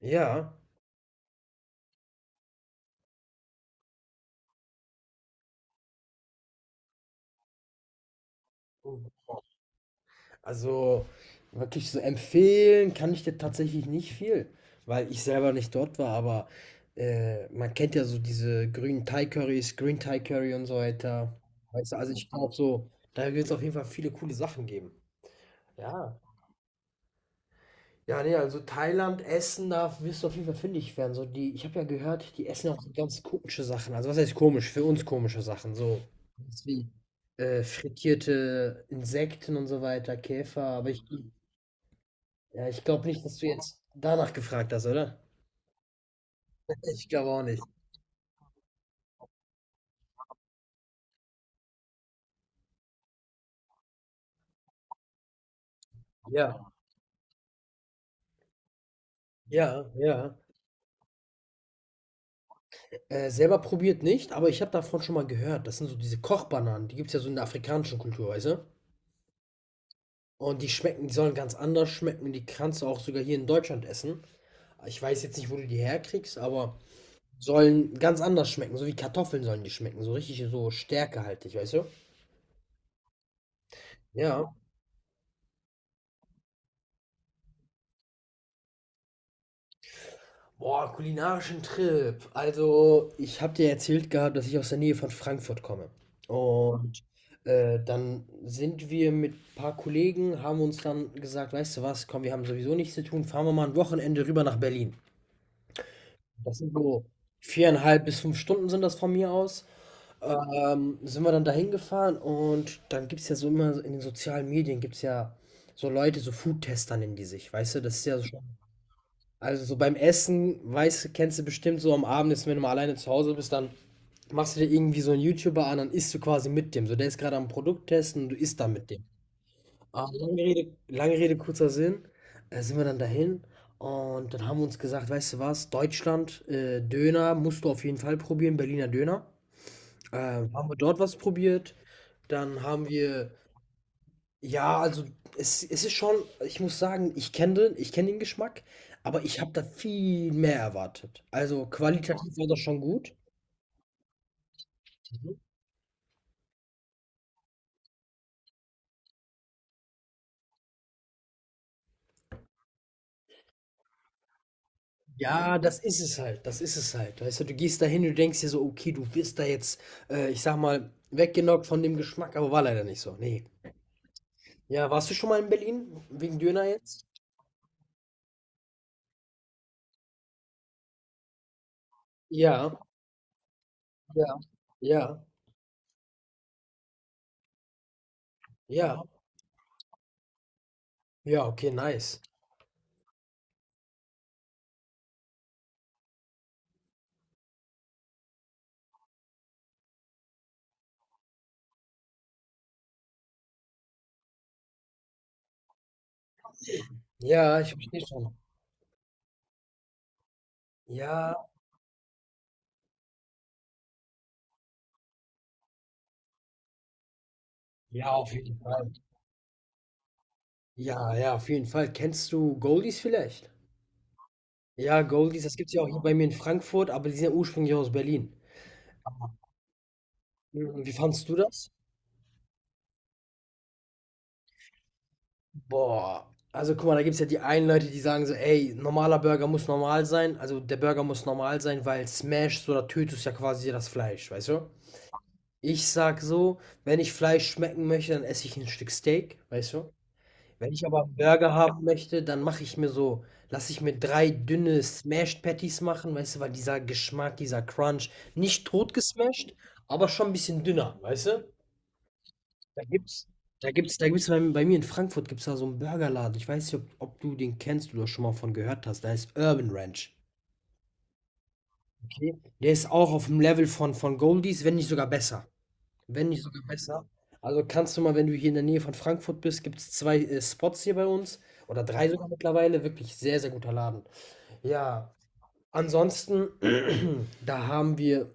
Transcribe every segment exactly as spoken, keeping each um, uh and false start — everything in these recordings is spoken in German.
Ja, also wirklich so empfehlen kann ich dir tatsächlich nicht viel, weil ich selber nicht dort war, aber äh, man kennt ja so diese grünen Thai-Currys, Green Thai Curry und so weiter. Weißt du, also ich glaube so, da wird es auf jeden Fall viele coole Sachen geben. Ja. Ja, ne, also Thailand, Essen, da wirst du auf jeden Fall fündig werden. So die, ich habe ja gehört, die essen auch so ganz komische Sachen. Also was heißt komisch? Für uns komische Sachen. So wie äh, frittierte Insekten und so weiter, Käfer. Aber ich, ja, ich glaube nicht, dass du jetzt danach gefragt hast, oder? Ich glaube auch nicht. Ja, ja, ja. Äh, selber probiert nicht, aber ich habe davon schon mal gehört. Das sind so diese Kochbananen. Die gibt es ja so in der afrikanischen Kultur, weißt du? Und die schmecken, die sollen ganz anders schmecken. Die kannst du auch sogar hier in Deutschland essen. Ich weiß jetzt nicht, wo du die herkriegst, aber sollen ganz anders schmecken. So wie Kartoffeln sollen die schmecken. So richtig so stärkehaltig, weißt du? Ja. Boah, kulinarischen Trip. Also, ich habe dir erzählt gehabt, dass ich aus der Nähe von Frankfurt komme. Und äh, dann sind wir mit ein paar Kollegen, haben uns dann gesagt, weißt du was, komm, wir haben sowieso nichts zu tun, fahren wir mal ein Wochenende rüber nach Berlin. Das sind so viereinhalb bis fünf Stunden sind das von mir aus. Ähm, sind wir dann dahin gefahren und dann gibt es ja so immer so in den sozialen Medien gibt es ja so Leute, so Foodtester nennen die sich, weißt du, das ist ja so schon. Also so beim Essen, weißt du, kennst du bestimmt so am Abend, ist, wenn du mal alleine zu Hause bist, dann machst du dir irgendwie so einen YouTuber an, dann isst du quasi mit dem. So, der ist gerade am Produkt testen und du isst dann mit dem. Ah, lange Rede, lange Rede, kurzer Sinn. Äh, sind wir dann dahin und dann haben wir uns gesagt, weißt du was, Deutschland, äh, Döner musst du auf jeden Fall probieren, Berliner Döner. Ähm, haben wir dort was probiert. Dann haben wir, ja, also es, es ist schon, ich muss sagen, ich kenne den, ich kenne den Geschmack, aber ich habe da viel mehr erwartet. Also qualitativ war das schon gut. Ja, das ist es halt, das ist es halt. Weißt du, du gehst da hin, du denkst dir so, okay, du wirst da jetzt, äh, ich sag mal, weggenockt von dem Geschmack, aber war leider nicht so. Nee. Ja, warst du schon mal in Berlin wegen Döner jetzt? Ja, ja, ja, ja. Ja, okay, nice. Ja, ich verstehe schon. Ja, Ja, auf jeden Fall. Ja, ja, auf jeden Fall. Kennst du Goldies vielleicht? Ja, Goldies, das gibt's ja auch hier bei mir in Frankfurt, aber die sind ja ursprünglich aus Berlin. Mhm, wie fandst du das? Boah, also guck mal, da gibt's ja die einen Leute, die sagen so, ey, normaler Burger muss normal sein, also der Burger muss normal sein, weil smashst oder tötest ja quasi das Fleisch, weißt du? Ich sag so, wenn ich Fleisch schmecken möchte, dann esse ich ein Stück Steak, weißt du? Wenn ich aber 'n Burger haben möchte, dann mache ich mir so lasse ich mir drei dünne Smashed Patties machen, weißt du, weil dieser Geschmack, dieser Crunch, nicht tot gesmashed, aber schon ein bisschen dünner, weißt du? Da gibt's da gibt's da gibt's bei bei mir in Frankfurt gibt's da so einen Burgerladen. Ich weiß nicht, ob ob du den kennst oder schon mal von gehört hast. Da ist Urban Ranch. Okay? Der ist auch auf dem Level von von Goldies, wenn nicht sogar besser. Wenn nicht sogar besser. Also kannst du mal, wenn du hier in der Nähe von Frankfurt bist, gibt es zwei äh, Spots hier bei uns oder drei sogar mittlerweile. Wirklich sehr, sehr guter Laden. Ja, ansonsten, da haben wir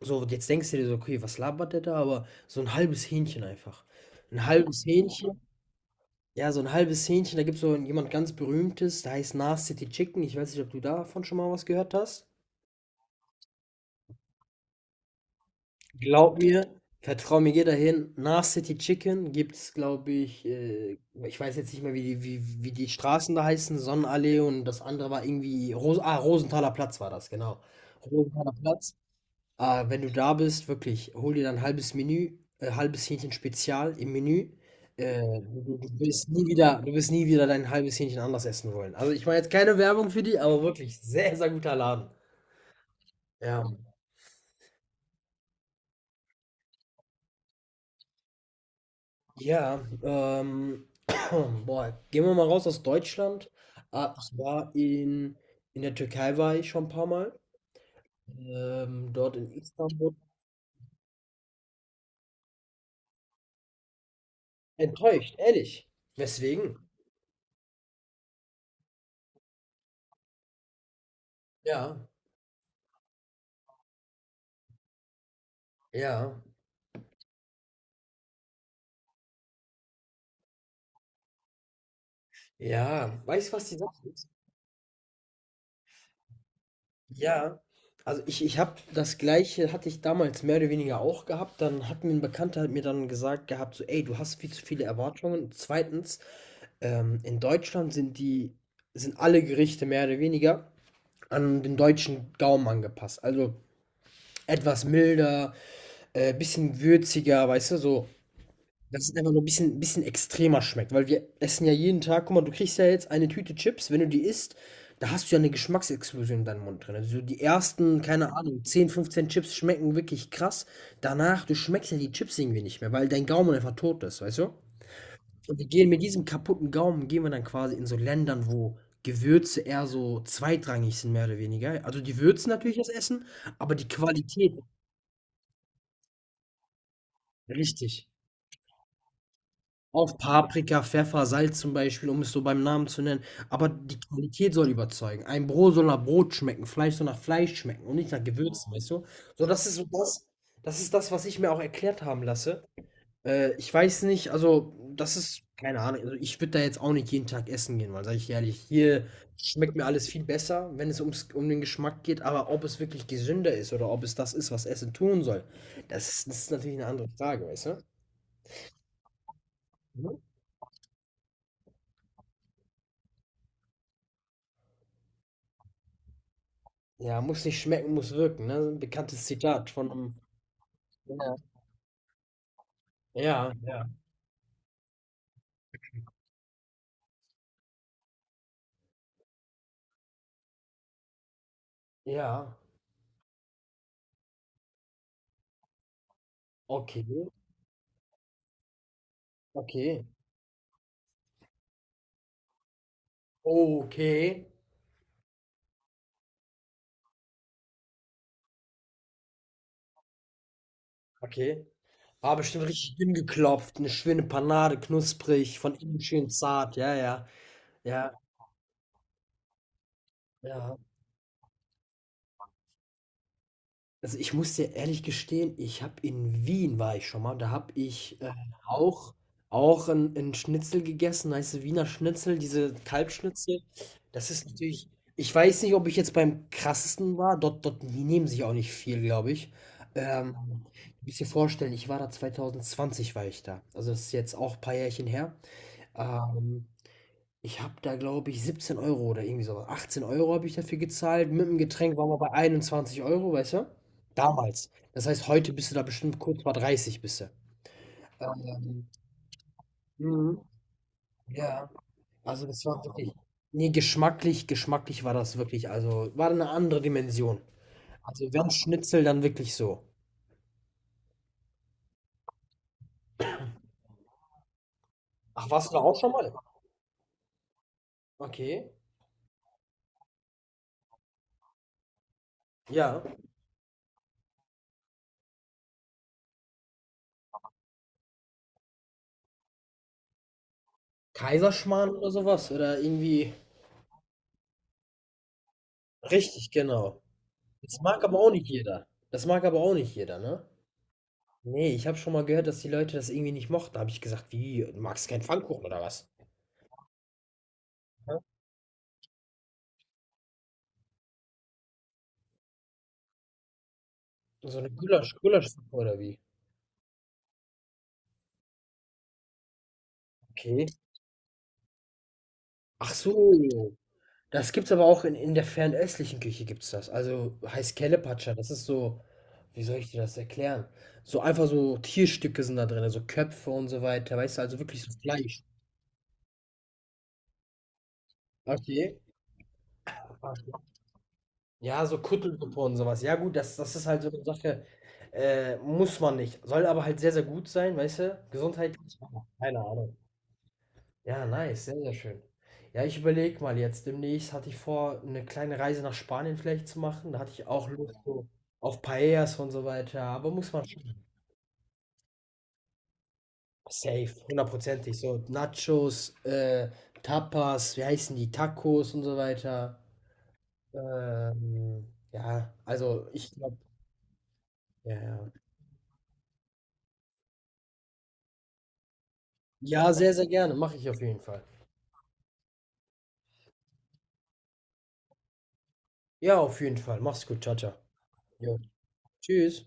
so, jetzt denkst du dir so, okay, was labert der da? Aber so ein halbes Hähnchen einfach. Ein halbes Hähnchen. Ja, so ein halbes Hähnchen. Da gibt es so jemand ganz Berühmtes, der heißt Nas City Chicken. Ich weiß nicht, ob du davon schon mal was gehört hast. Glaub mir, vertrau mir, geh dahin. Nach City Chicken gibt's, glaube ich, äh, ich weiß jetzt nicht mehr, wie die, wie, wie die Straßen da heißen, Sonnenallee und das andere war irgendwie, Ros ah, Rosenthaler Platz war das, genau. Rosenthaler Platz. Ah, wenn du da bist, wirklich, hol dir dann ein halbes Menü, äh, halbes Hähnchen Spezial im Menü. Äh, du, du wirst nie wieder, du wirst nie wieder dein halbes Hähnchen anders essen wollen. Also ich mache jetzt keine Werbung für die, aber wirklich sehr, sehr guter Laden. Ja. Ja, ähm, boah, gehen wir mal raus aus Deutschland. Ah, ich war in, in, der Türkei war ich schon ein paar Mal. Ähm, dort in Istanbul. Enttäuscht, ehrlich. Weswegen? Ja, ja, ja. Weißt du, was die Sache ist? Ja. Also ich, ich habe das Gleiche, hatte ich damals mehr oder weniger auch gehabt. Dann hat mir ein Bekannter hat mir dann gesagt gehabt, so, ey, du hast viel zu viele Erwartungen. Zweitens, ähm, in Deutschland sind die, sind alle Gerichte mehr oder weniger. An den deutschen Gaumen angepasst. Also etwas milder, äh, bisschen würziger, weißt du, so, dass es einfach nur ein bisschen, bisschen extremer schmeckt. Weil wir essen ja jeden Tag, guck mal, du kriegst ja jetzt eine Tüte Chips, wenn du die isst, da hast du ja eine Geschmacksexplosion in deinem Mund drin. Also so die ersten, keine Ahnung, zehn, fünfzehn Chips schmecken wirklich krass. Danach, du schmeckst ja die Chips irgendwie nicht mehr, weil dein Gaumen einfach tot ist, weißt du? Und wir gehen mit diesem kaputten Gaumen gehen wir dann quasi in so Ländern, wo Gewürze eher so zweitrangig sind, mehr oder weniger. Also, die würzen natürlich das Essen, aber die Qualität richtig. Auf Paprika, Pfeffer, Salz zum Beispiel, um es so beim Namen zu nennen. Aber die Qualität soll überzeugen. Ein Brot soll nach Brot schmecken, Fleisch soll nach Fleisch schmecken und nicht nach Gewürzen, weißt du? So, das ist so das, das ist das, was ich mir auch erklärt haben lasse. Äh, ich weiß nicht, also das ist keine Ahnung. Also ich würde da jetzt auch nicht jeden Tag essen gehen, weil sage ich ehrlich, hier schmeckt mir alles viel besser, wenn es ums, um den Geschmack geht. Aber ob es wirklich gesünder ist oder ob es das ist, was Essen tun soll, das ist, das ist natürlich eine andere Frage, weißt du? Mhm. Ja, muss nicht schmecken, muss wirken, ne? Ein bekanntes Zitat von einem. Ja, ja, ja. Ja. Okay, okay, okay, okay. War bestimmt richtig dünn geklopft, eine schöne Panade, knusprig, von innen schön zart, ja, ja. Ja, ja. Also ich muss dir ehrlich gestehen, ich habe in Wien war ich schon mal und da habe ich äh, auch, auch ein, ein Schnitzel gegessen, heißt Wiener Schnitzel, diese Kalbschnitzel. Das ist natürlich, ich weiß nicht, ob ich jetzt beim krassesten war, dort, dort, die nehmen sich auch nicht viel, glaube ich. Ähm, Du musst dir vorstellen, ich war da zweitausendzwanzig, war ich da. Also das ist jetzt auch ein paar Jährchen her. Ähm, Ich habe da, glaube ich, siebzehn Euro oder irgendwie so achtzehn Euro habe ich dafür gezahlt. Mit dem Getränk waren wir bei einundzwanzig Euro, weißt du? Damals. Das heißt, heute bist du da bestimmt kurz vor dreißig, bist du. Ähm, mhm, ja, also das war wirklich ne, geschmacklich geschmacklich war das wirklich also, war eine andere Dimension. Also, wenn Schnitzel, dann wirklich so. Ach, warst du da auch schon mal? Okay, ja. Kaiserschmarrn oder so was oder irgendwie richtig, genau. Das mag aber auch nicht jeder. Das mag aber auch nicht jeder, ne? Nee, ich habe schon mal gehört, dass die Leute das irgendwie nicht mochten. Da habe ich gesagt, wie, du magst keinen Pfannkuchen oder was? Ja? So eine Gulasch, Gulaschsuppe oder wie? Okay. Ach so. Das gibt's aber auch in, in, der fernöstlichen Küche gibt's das. Also heißt Kelepatscha, das ist so, wie soll ich dir das erklären? So einfach so Tierstücke sind da drin, so Köpfe und so weiter, weißt du, also wirklich so Fleisch. Okay. Ja, so Kuttelsuppe und sowas. Ja, gut, das, das ist halt so eine Sache, äh, muss man nicht. Soll aber halt sehr, sehr gut sein, weißt du? Gesundheitlich. Keine Ahnung. Ja, nice, sehr, sehr schön. Ja, ich überlege mal jetzt. Demnächst hatte ich vor, eine kleine Reise nach Spanien vielleicht zu machen. Da hatte ich auch Lust so auf Paellas und so weiter. Aber muss man schon safe, hundertprozentig. So Nachos, äh, Tapas, wie heißen die? Tacos und so weiter. Ähm, ja, also ich glaube, ja, ja. Ja, sehr, sehr gerne. Mache ich auf jeden Fall. Ja, auf jeden Fall. Mach's gut. Ciao, ciao. Jo. Tschüss.